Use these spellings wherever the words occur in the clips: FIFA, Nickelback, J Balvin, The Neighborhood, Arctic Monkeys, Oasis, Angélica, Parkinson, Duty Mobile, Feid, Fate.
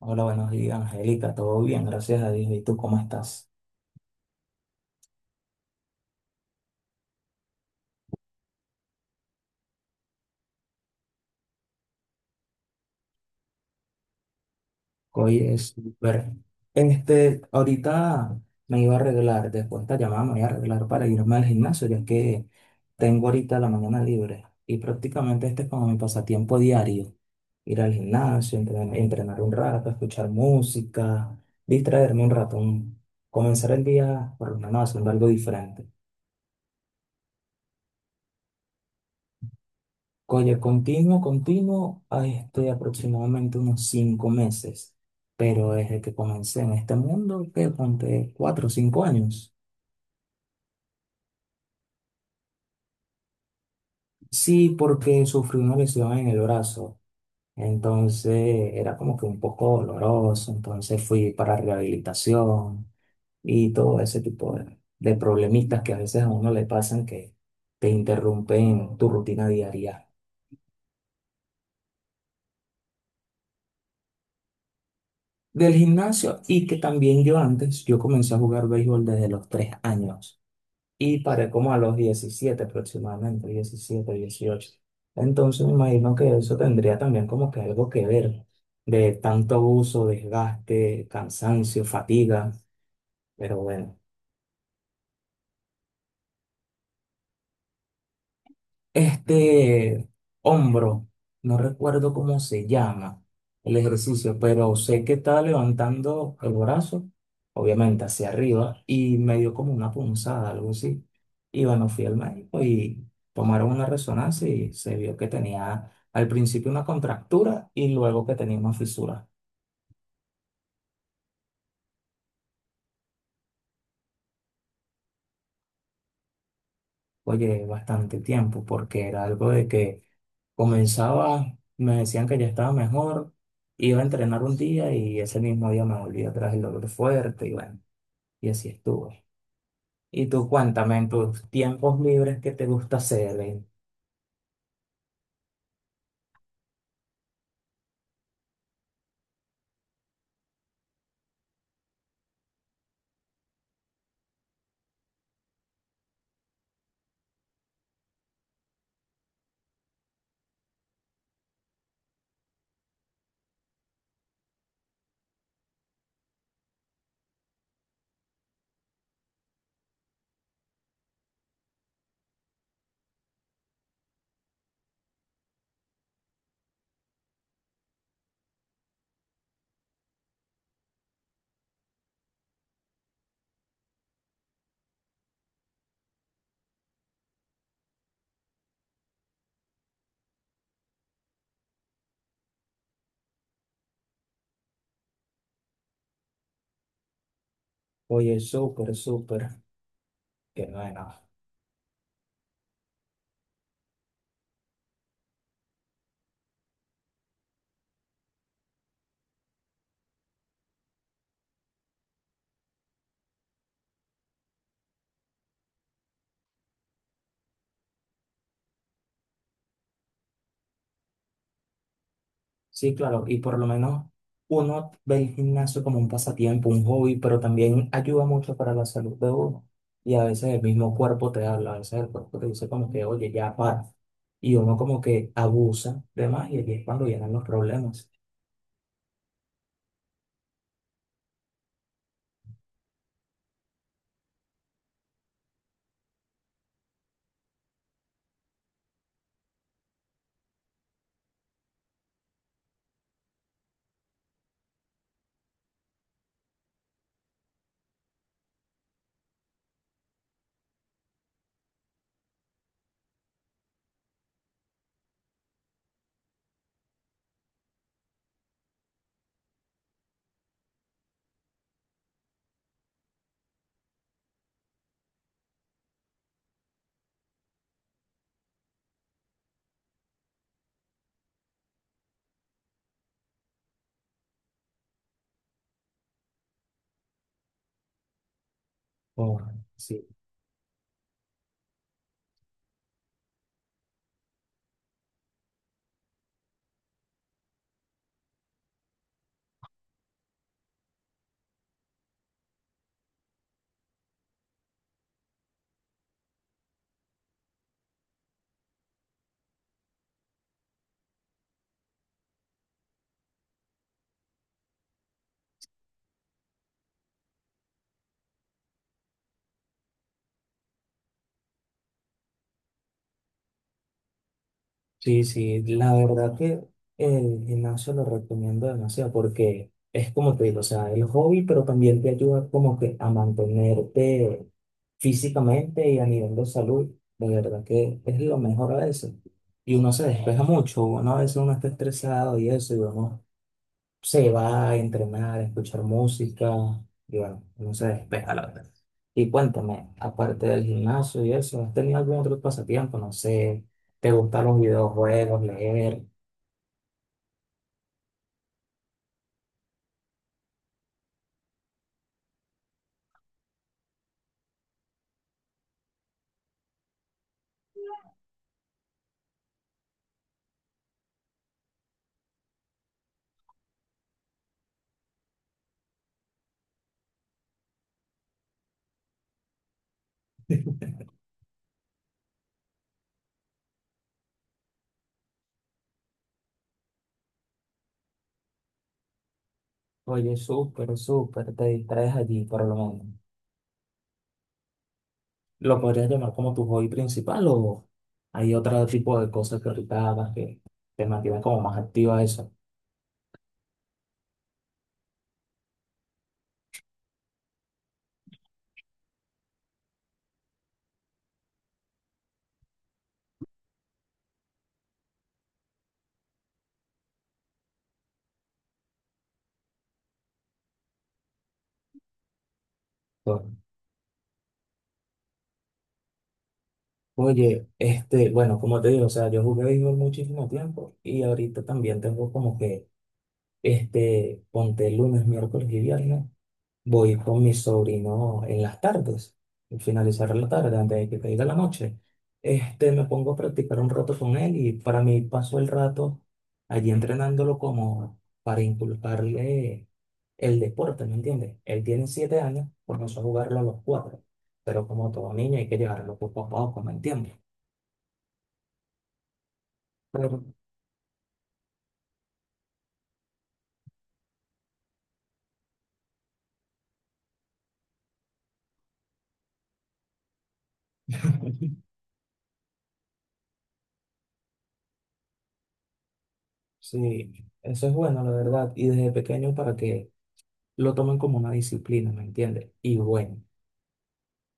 Hola, buenos días, Angélica. Todo bien, gracias a Dios. ¿Y tú cómo estás? Oye, súper. Ahorita me iba a arreglar, después de esta llamada me voy a arreglar para irme al gimnasio, ya que tengo ahorita la mañana libre. Y prácticamente este es como mi pasatiempo diario. Ir al gimnasio, entrenar, un rato, escuchar música, distraerme un rato, comenzar el día por lo menos haciendo algo diferente. Oye, continuo, continuo, a este aproximadamente unos 5 meses, pero desde que comencé en este mundo, que ponte 4 o 5 años. Sí, porque sufrí una lesión en el brazo, entonces era como que un poco doloroso, entonces fui para rehabilitación y todo ese tipo de problemitas que a veces a uno le pasan que te interrumpen tu rutina diaria. Del gimnasio, y que también yo antes, yo comencé a jugar béisbol desde los 3 años. Y paré como a los 17 aproximadamente, 17, 18. Entonces me imagino que eso tendría también como que algo que ver de tanto abuso, desgaste, cansancio, fatiga, pero bueno. Este hombro, no recuerdo cómo se llama el ejercicio, pero sé que estaba levantando el brazo, obviamente hacia arriba, y me dio como una punzada, algo así. Y bueno, fui al médico y tomaron una resonancia y se vio que tenía al principio una contractura y luego que tenía una fisura. Oye, bastante tiempo, porque era algo de que comenzaba, me decían que ya estaba mejor, iba a entrenar un día y ese mismo día me volvía atrás el dolor fuerte y bueno, y así estuve. Y tú cuéntame en tus tiempos libres qué te gusta hacer, ¿eh? Oye, súper, súper, que bueno. Sí, claro, y por lo menos uno ve el gimnasio como un pasatiempo, un hobby, pero también ayuda mucho para la salud de uno. Y a veces el mismo cuerpo te habla, a veces el cuerpo te dice como que, oye, ya para. Y uno como que abusa de más y aquí es cuando vienen los problemas. Oh, sí. Sí, sí, la verdad que el gimnasio lo recomiendo demasiado porque es como te digo, o sea, el hobby, pero también te ayuda como que a mantenerte físicamente y a nivel de salud. De verdad que es lo mejor a veces. Y uno se despeja mucho, uno a veces uno está estresado y eso, y uno se va a entrenar, a escuchar música y bueno, no se despeja la verdad. Y cuéntame, aparte del gimnasio y eso, ¿has tenido algún otro pasatiempo? No sé, ¿te gustan los videojuegos, leer? Oye, súper, súper, te distraes allí por lo menos. ¿Lo podrías llamar como tu hobby principal o hay otro tipo de cosas que ahorita hagas que te mantienen como más activa a eso? Bueno, oye, este, bueno, como te digo, o sea, yo jugué béisbol muchísimo tiempo y ahorita también tengo como que ponte lunes, miércoles y viernes. Voy con mi sobrino en las tardes, al finalizar la tarde, antes de que caiga la noche. Me pongo a practicar un rato con él y para mí paso el rato allí entrenándolo como para inculcarle el deporte, ¿me entiendes? Él tiene 7 años, comenzó a jugarlo a los cuatro, pero como todo niño hay que llevarlo poco a poco, ¿me entiendes? Pero- Sí, eso es bueno, la verdad. Y desde pequeño para que lo toman como una disciplina, ¿me entiendes? Y bueno,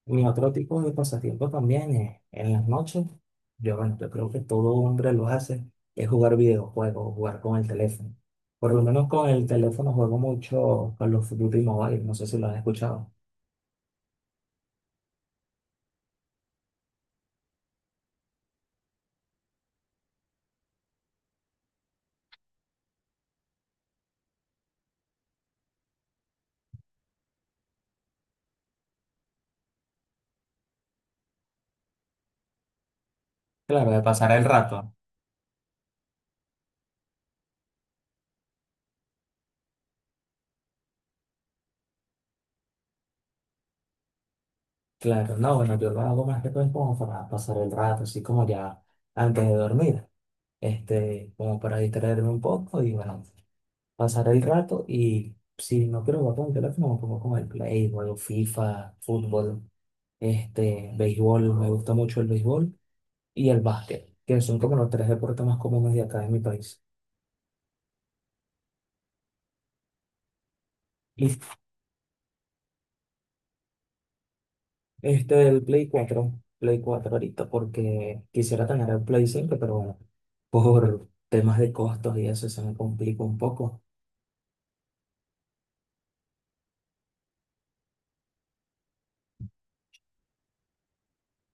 mi otro tipo de pasatiempo también es en las noches. Yo, bueno, yo creo que todo hombre lo hace, es jugar videojuegos, jugar con el teléfono. Por lo menos con el teléfono juego mucho con los Duty Mobile, no sé si lo has escuchado. Claro, de pasar el rato. Claro, no, bueno, yo lo hago más que todo es como para pasar el rato, así como ya antes de dormir, como para distraerme un poco y bueno, pasar el rato y si no quiero jugar con el teléfono, me pongo con el Play, juego FIFA, fútbol, béisbol, me gusta mucho el béisbol y el básquet, que son como los tres deportes más comunes de acá en mi país. Y el Play 4 Play 4 ahorita, porque quisiera tener el Play 5 pero bueno, por temas de costos y eso se me complica un poco.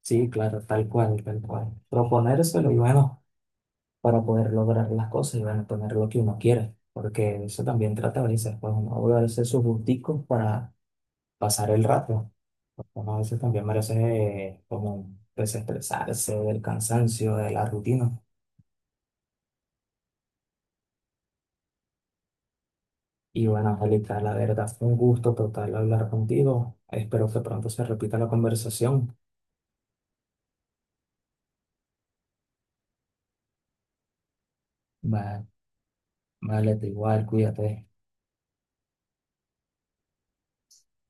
Sí, claro, tal cual, tal cual. Proponérselo y bueno, para poder lograr las cosas y bueno, tener lo que uno quiere, porque eso también trata a veces, pues uno debe darse sus gusticos para pasar el rato, porque uno a veces también merece como desestresarse del cansancio, de la rutina. Y bueno, Angélica, la verdad fue un gusto total hablar contigo. Espero que pronto se repita la conversación. Va- Vale, te igual, cuídate.